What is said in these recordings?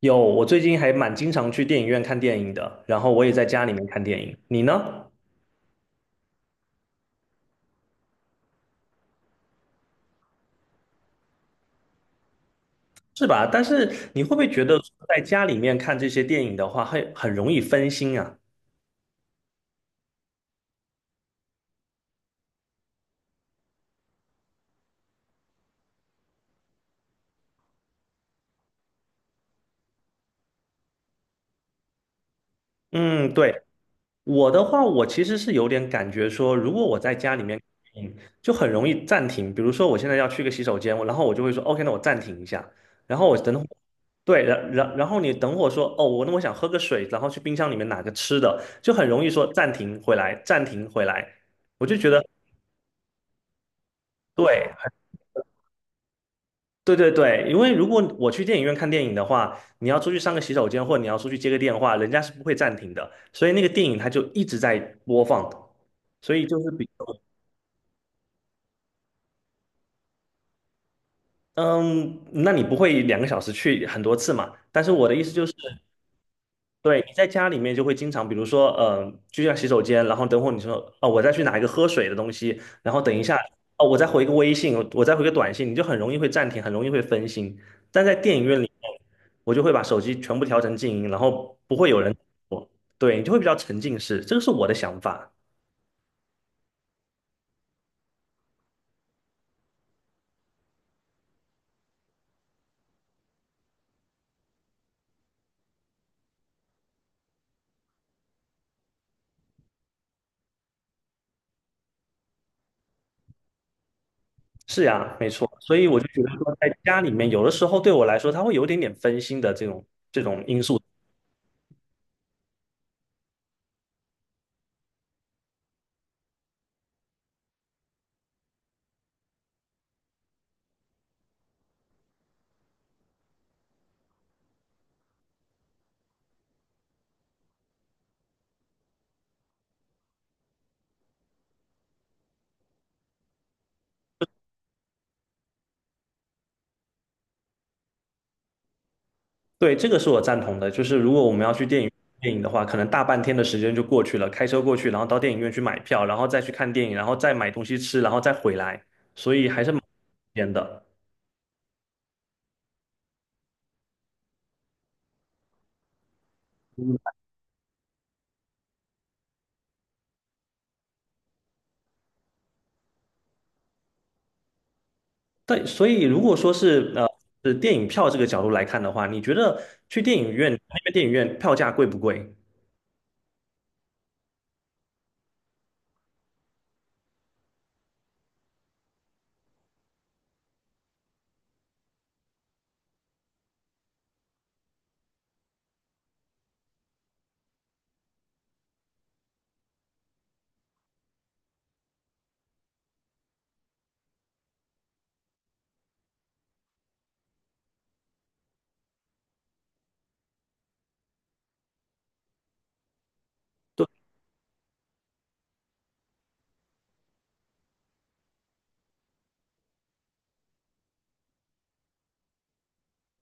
有，我最近还蛮经常去电影院看电影的，然后我也在家里面看电影。你呢？是吧？但是你会不会觉得在家里面看这些电影的话，会很容易分心啊？嗯，对，我的话，我其实是有点感觉说，如果我在家里面看电影就很容易暂停。比如说，我现在要去个洗手间，然后我就会说，OK，那我暂停一下，然后我等会。对，然后你等会说，哦，那我想喝个水，然后去冰箱里面拿个吃的，就很容易说暂停回来，暂停回来。我就觉得。对，对对对，因为如果我去电影院看电影的话，你要出去上个洗手间，或者你要出去接个电话，人家是不会暂停的，所以那个电影它就一直在播放的。所以就是比。嗯，那你不会2个小时去很多次嘛？但是我的意思就是。对，你在家里面就会经常，比如说，就像洗手间，然后等会儿你说，哦，我再去拿一个喝水的东西，然后等一下，哦，我再回个微信，我再回个短信，你就很容易会暂停，很容易会分心。但在电影院里面，我就会把手机全部调成静音，然后不会有人。我。对，你就会比较沉浸式，这个是我的想法。是呀，没错，所以我就觉得说，在家里面，有的时候对我来说，它会有一点点分心的这种因素。对，这个是我赞同的。就是如果我们要去电影的话，可能大半天的时间就过去了，开车过去，然后到电影院去买票，然后再去看电影，然后再买东西吃，然后再回来，所以还是蛮时的。嗯，对，所以如果说是电影票这个角度来看的话，你觉得去电影院那边电影院票价贵不贵？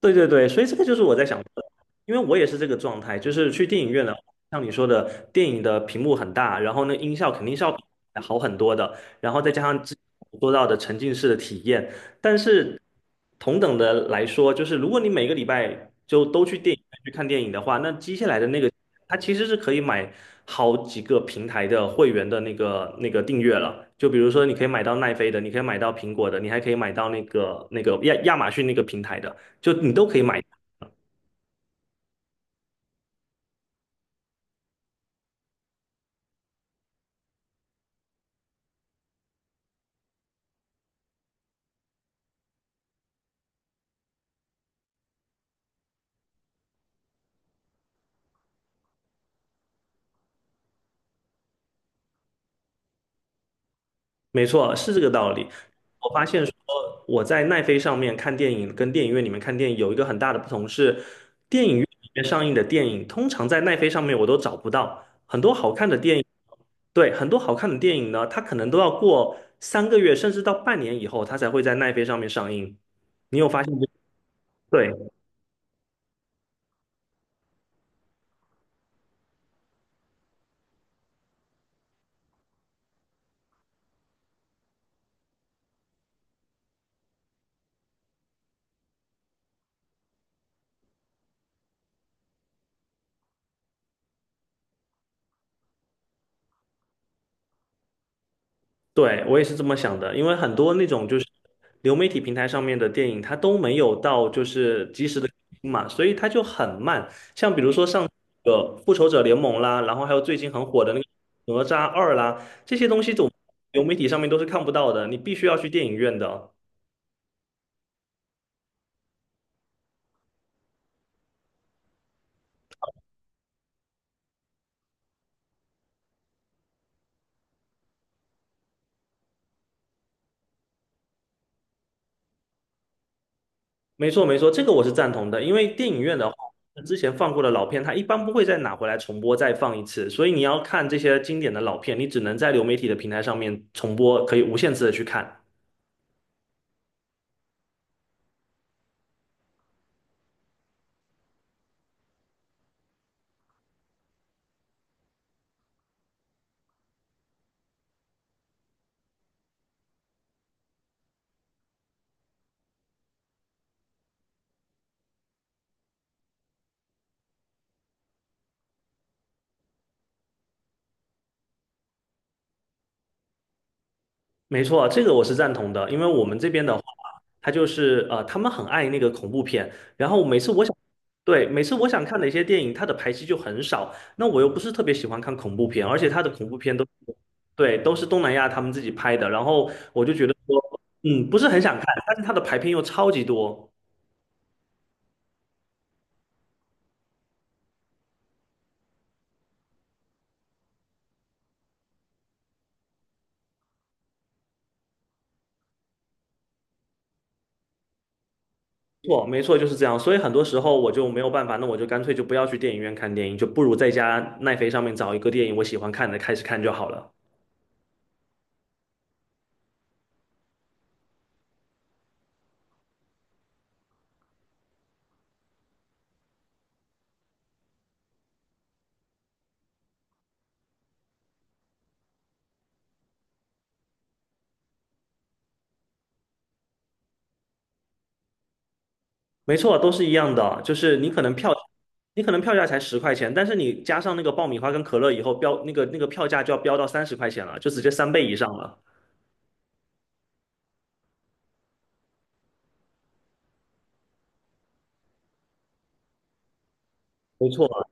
对对对，所以这个就是我在想的，因为我也是这个状态，就是去电影院了，像你说的，电影的屏幕很大，然后那音效肯定是要好很多的，然后再加上之前我说到的沉浸式的体验，但是同等的来说，就是如果你每个礼拜就都去电影院去看电影的话，那接下来的那个，它其实是可以买好几个平台的会员的那个订阅了。就比如说，你可以买到奈飞的，你可以买到苹果的，你还可以买到那个亚马逊那个平台的。就你都可以买。没错，是这个道理。我发现说我在奈飞上面看电影，跟电影院里面看电影有一个很大的不同是，电影院里面上映的电影，通常在奈飞上面我都找不到很多好看的电影。对，很多好看的电影呢，它可能都要过3个月甚至到半年以后，它才会在奈飞上面上映。你有发现这？对。对，我也是这么想的，因为很多那种就是流媒体平台上面的电影，它都没有到就是及时的更新嘛，所以它就很慢。像比如说上个《复仇者联盟》啦，然后还有最近很火的那个《哪吒二》啦，这些东西总流媒体上面都是看不到的，你必须要去电影院的。没错，没错，这个我是赞同的，因为电影院的话，之前放过的老片，它一般不会再拿回来重播再放一次，所以你要看这些经典的老片，你只能在流媒体的平台上面重播，可以无限次的去看。没错，这个我是赞同的，因为我们这边的话，他就是他们很爱那个恐怖片，然后每次我想，对，每次我想看的一些电影，它的排期就很少，那我又不是特别喜欢看恐怖片，而且它的恐怖片都，对，都是东南亚他们自己拍的，然后我就觉得说，不是很想看，但是它的排片又超级多，没错，就是这样，所以很多时候我就没有办法，那我就干脆就不要去电影院看电影，就不如在家奈飞上面找一个电影我喜欢看的开始看就好了。没错，都是一样的，就是你可能票，你可能票价才十块钱，但是你加上那个爆米花跟可乐以后，标那个票价就要飙到30块钱了，就直接3倍以上了。没错，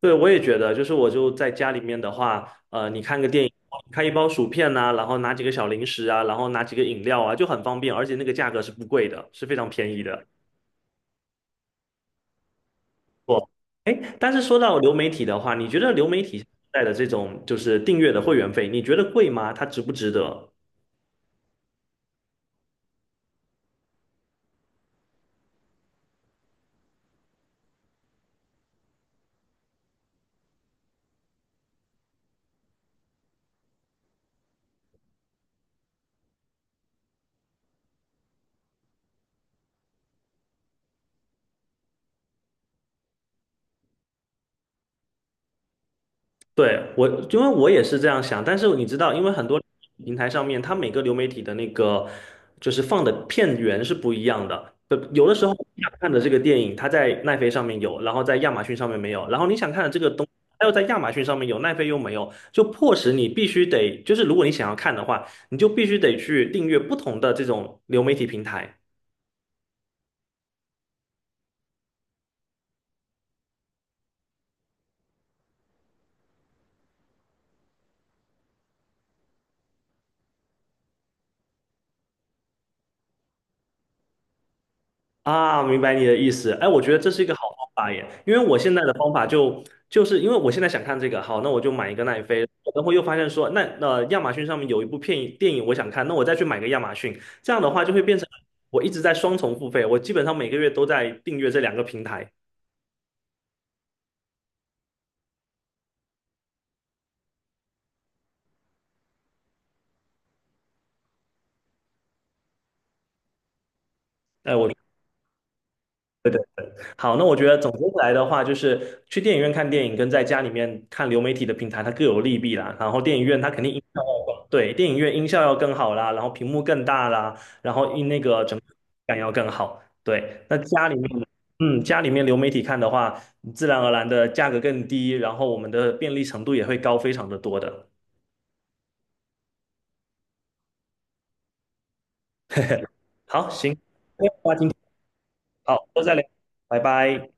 对，我也觉得，就是我就在家里面的话，你看个电影，开一包薯片呐、然后拿几个小零食啊，然后拿几个饮料啊，就很方便，而且那个价格是不贵的，是非常便宜的。错，哎，但是说到流媒体的话，你觉得流媒体带的这种就是订阅的会员费，你觉得贵吗？它值不值得？对，我，因为我也是这样想，但是你知道，因为很多平台上面，它每个流媒体的那个就是放的片源是不一样的。有的时候你想看的这个电影，它在奈飞上面有，然后在亚马逊上面没有，然后你想看的这个东，它又在亚马逊上面有，奈飞又没有，就迫使你必须得，就是如果你想要看的话，你就必须得去订阅不同的这种流媒体平台。啊，明白你的意思。哎，我觉得这是一个好方法耶，因为我现在的方法就是因为我现在想看这个，好，那我就买一个奈飞，然后又发现说，那亚马逊上面有一部片电影我想看，那我再去买个亚马逊，这样的话就会变成我一直在双重付费，我基本上每个月都在订阅这两个平台。哎，我好，那我觉得总结起来的话，就是去电影院看电影跟在家里面看流媒体的平台，它各有利弊啦。然后电影院它肯定音效要更，对，电影院音效要更好啦，然后屏幕更大啦，然后那个整体感要更好。对，那家里面流媒体看的话，自然而然的价格更低，然后我们的便利程度也会高非常的多的。好，行，那今天好，都再聊，拜拜。